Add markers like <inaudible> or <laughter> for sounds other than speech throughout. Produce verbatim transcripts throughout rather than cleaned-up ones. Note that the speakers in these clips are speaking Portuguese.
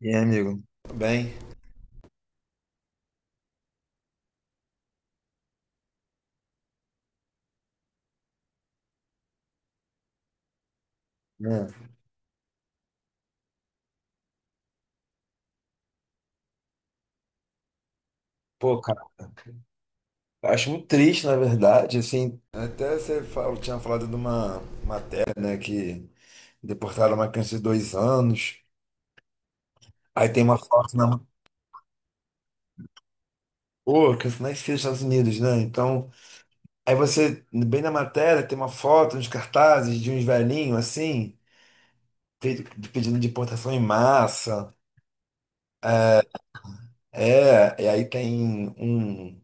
E aí, amigo? Tudo bem. É. Pô, cara, eu acho muito triste, na verdade, assim, até você fala- tinha falado de uma matéria, né, que deportaram uma criança de dois anos, aí tem uma foto na... Pô, a criança nasceu nos Estados Unidos, né, então, aí você, bem na matéria, tem uma foto, uns cartazes de uns velhinhos, assim, pe- pedindo deportação em massa, é, e aí tem um...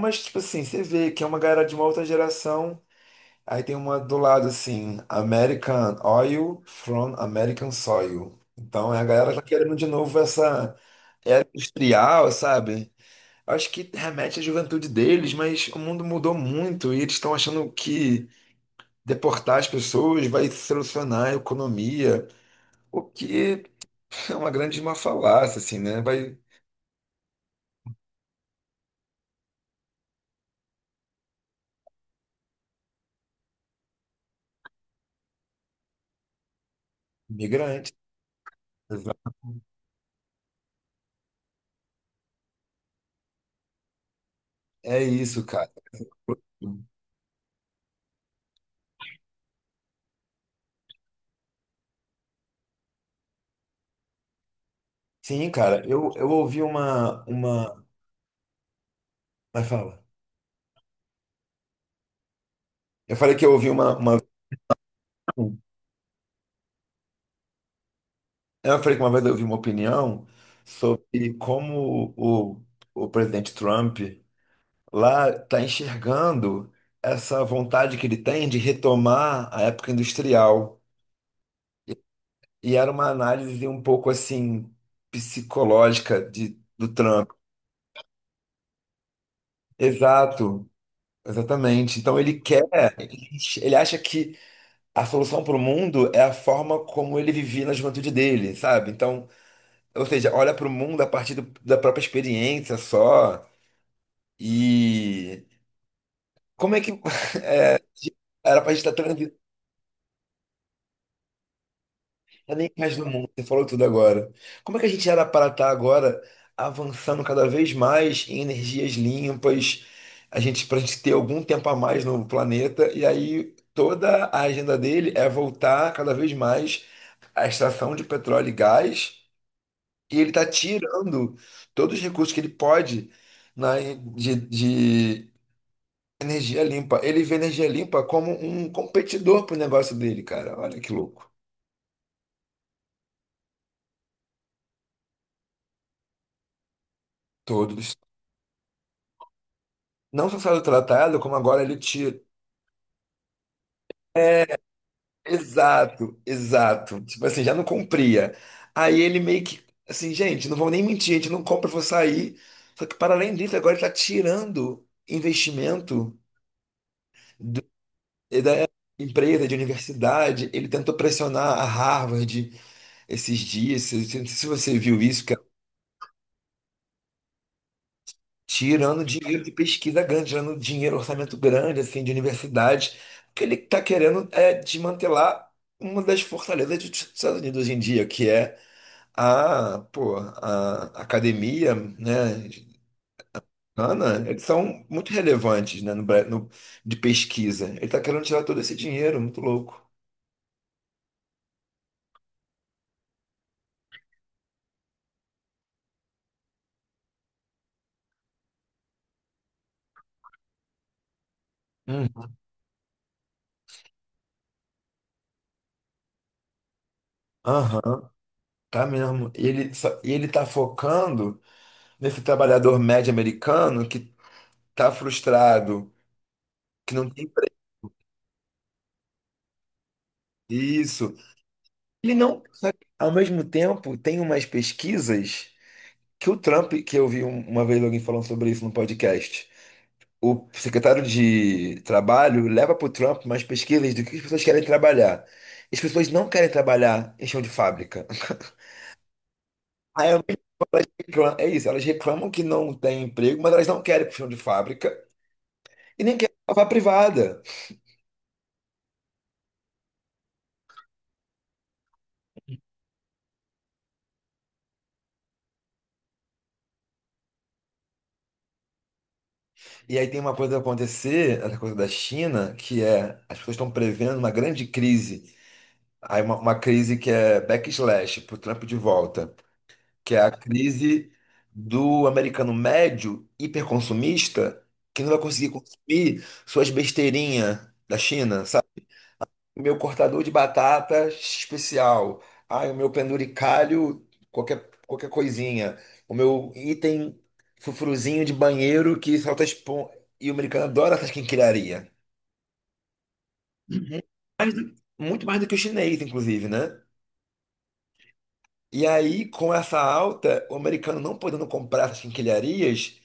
Mas, tipo assim, você vê que é uma galera de uma outra geração. Aí tem uma do lado assim, American Oil from American Soil. Então é a galera tá querendo de novo essa era industrial, sabe? Acho que remete à juventude deles, mas o mundo mudou muito e eles estão achando que deportar as pessoas vai solucionar a economia, o que é uma grande uma falácia, assim, né? Vai migrante. Exato. É isso, cara. Sim, cara, eu, eu ouvi uma, uma. Mas fala. Eu falei que eu ouvi uma, uma. Eu falei que uma vez eu vi uma opinião sobre como o, o presidente Trump lá está enxergando essa vontade que ele tem de retomar a época industrial. E era uma análise um pouco assim psicológica de, do Trump. Exato, exatamente. Então ele quer, ele acha que a solução para o mundo é a forma como ele vivia na juventude dele, sabe? Então, ou seja, olha para o mundo a partir do- da própria experiência só. E como é que era pra gente estar transitando nem mais do mundo? Você falou tudo agora. Como é que a gente era para estar agora avançando cada vez mais em energias limpas, a gente para a gente ter algum tempo a mais no planeta, e aí toda a agenda dele é voltar cada vez mais à extração de petróleo e gás, e ele está tirando todos os recursos que ele pode na, de, de energia limpa. Ele vê energia limpa como um competidor pro negócio dele, cara. Olha que louco. Todos. Não só saiu tratado, como agora ele tira. Exato, exato. Tipo assim, já não cumpria. Aí ele meio que. Assim, gente, não vou nem mentir, a gente não compra, eu vou sair. Só que para além disso, agora ele está tirando investimento do- da empresa, de universidade. Ele tentou pressionar a Harvard esses dias. Se se- se você viu isso, tirando dinheiro de pesquisa grande, tirando dinheiro, orçamento grande, assim, de universidades, que ele está querendo é desmantelar uma das fortalezas dos Estados Unidos hoje em dia, que é a, pô, a academia, né, americana. Eles são muito relevantes, né, no, Bra- no- de pesquisa. Ele está querendo tirar todo esse dinheiro, muito louco. Hum. Aham, tá mesmo. E ele, só- e ele tá focando nesse trabalhador médio americano que tá frustrado, que não tem pra isso. Ele não. Só que, ao mesmo tempo, tem umas pesquisas que o Trump, que eu vi um- uma vez alguém falando sobre isso no podcast. O secretário de Trabalho leva para o Trump umas pesquisas do que as pessoas querem trabalhar. As pessoas não querem trabalhar em chão de fábrica. Aí, ao mesmo tempo, elas reclamam- é isso, elas reclamam que não tem emprego, mas elas não querem pro chão de fábrica e nem querem para a privada. E aí tem uma coisa a acontecer, essa coisa da China, que é as pessoas estão prevendo uma grande crise. Aí uma, uma crise que é backslash, pro Trump de volta, que é a crise do americano médio hiperconsumista que não vai conseguir consumir suas besteirinhas da China, sabe? O meu cortador de batata especial, ai, o meu penduricalho, qualquer, qualquer coisinha, o meu item frufruzinho de banheiro que solta espon... E o americano adora essas quinquilharias. Mas, muito mais do que o chinês, inclusive, né? E aí, com essa alta, o americano não podendo comprar essas quinquilharias,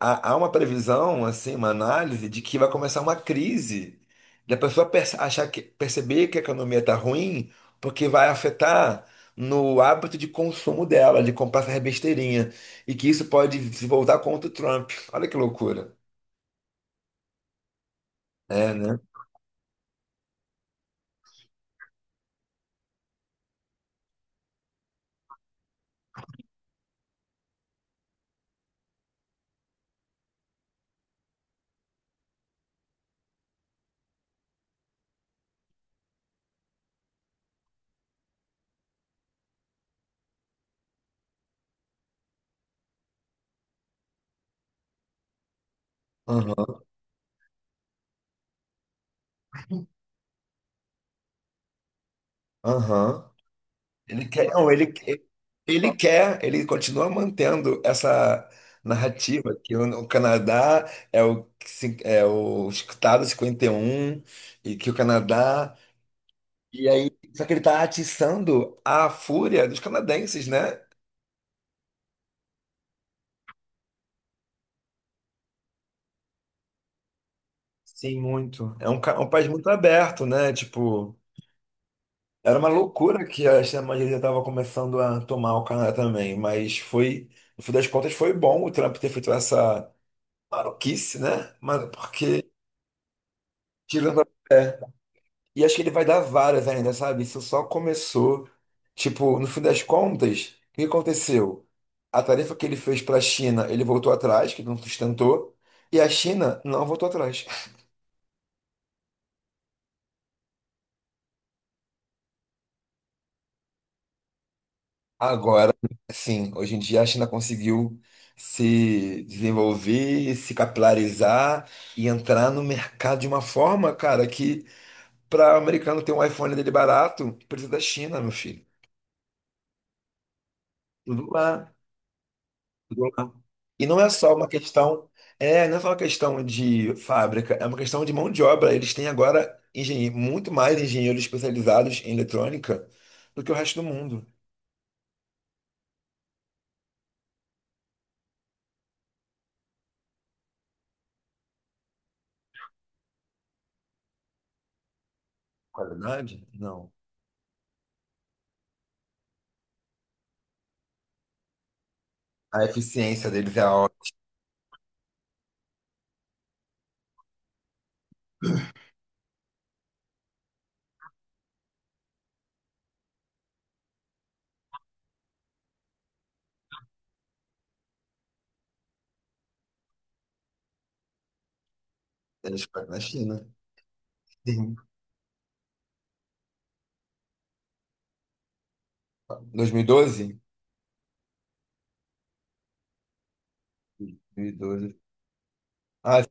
há, há uma previsão, assim, uma análise de que vai começar uma crise. Da pessoa perce- achar que, perceber que a economia está ruim, porque vai afetar no hábito de consumo dela, de comprar essa besteirinha. E que isso pode se voltar contra o Trump. Olha que loucura. É, né? Aham, aham. Ele quer, não, ele, ele quer, ele continua mantendo essa narrativa que o, o Canadá é o, que se- é o Estado cinquenta e um e um e que o Canadá. E aí, só que ele está atiçando a fúria dos canadenses, né? Sim, muito. É um, ca- um país muito aberto, né? Tipo, era uma loucura que a extrema-direita estava começando a tomar o Canadá também, mas foi, no fim das contas, foi bom o Trump ter feito essa maluquice, né? Mas porque tirando a... é. E acho que ele vai dar várias ainda, sabe? Isso só começou. Tipo, no fim das contas, o que aconteceu? A tarefa que ele fez para a China, ele voltou atrás, que não sustentou, e a China não voltou atrás. Agora, sim, hoje em dia a China conseguiu se desenvolver, se capilarizar e entrar no mercado de uma forma, cara, que para o americano ter um iPhone dele barato, precisa da China, meu filho. Tudo lá. E não é só uma questão, é, não é só uma questão de fábrica, é uma questão de mão de obra. Eles têm agora engenhe- muito mais engenheiros especializados em eletrônica do que o resto do mundo. Qualidade? Não. A eficiência deles é a ótima. Eles fazem na China. Sim. dois mil e doze? dois mil e doze. Ah,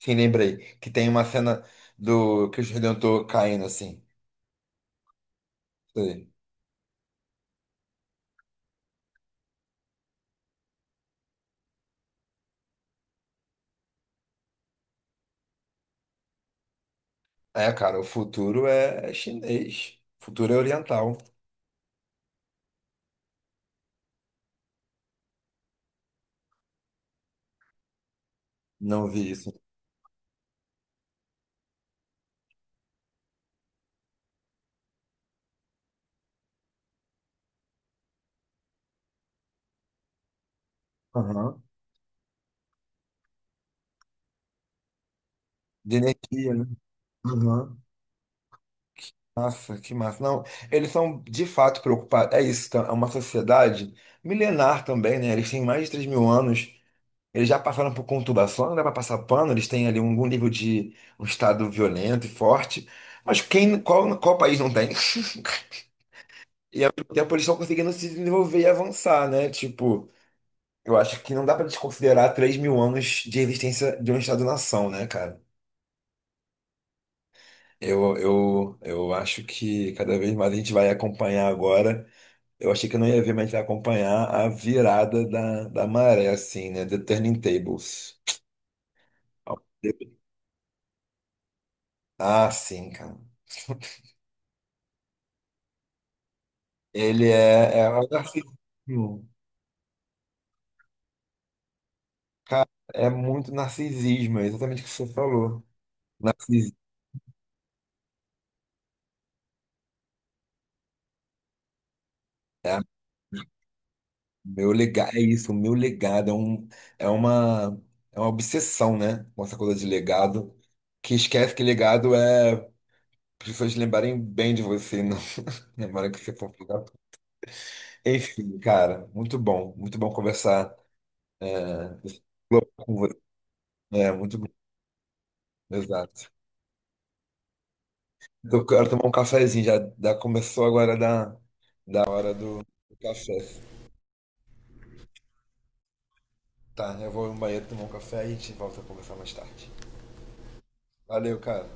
sim, lembrei. Que tem uma cena do Cristo Redentor caindo assim. Sei. É, cara, o futuro é chinês. O futuro é oriental. Não vi isso. Aham. De energia, né? Aham. Nossa, que massa. Não, eles são de fato preocupados. É isso, tá? É uma sociedade milenar também, né? Eles têm mais de três mil anos. Eles já passaram por conturbação, não dá para passar pano, eles têm ali algum nível de um estado violento e forte. Mas quem, qual, qual país não tem? <laughs> E ao mesmo tempo eles estão conseguindo se desenvolver e avançar, né? Tipo, eu acho que não dá pra desconsiderar três mil anos de existência de um Estado-nação, né, cara? Eu, eu, eu acho que cada vez mais a gente vai acompanhar agora. Eu achei que eu não ia ver, mas a gente vai acompanhar a virada da, da maré, assim, né? The Turning Tables. Ah, sim, cara. Ele é, é o narcisismo. É muito narcisismo, é exatamente o que você falou. Narcisismo. Meu legado, é isso, o meu legado é, um, é uma, é uma obsessão, né? Com essa coisa de legado, que esquece que legado é pessoas lembrarem bem de você, não <laughs> lembrarem que você foi um lugar. Enfim, cara, muito bom, muito bom conversar é, com você. É, muito bom, exato. Eu quero tomar um cafezinho, já, já começou agora da, da hora do do café. Tá, eu vou no banheiro tomar um café e a gente volta a conversar mais tarde. Valeu, cara.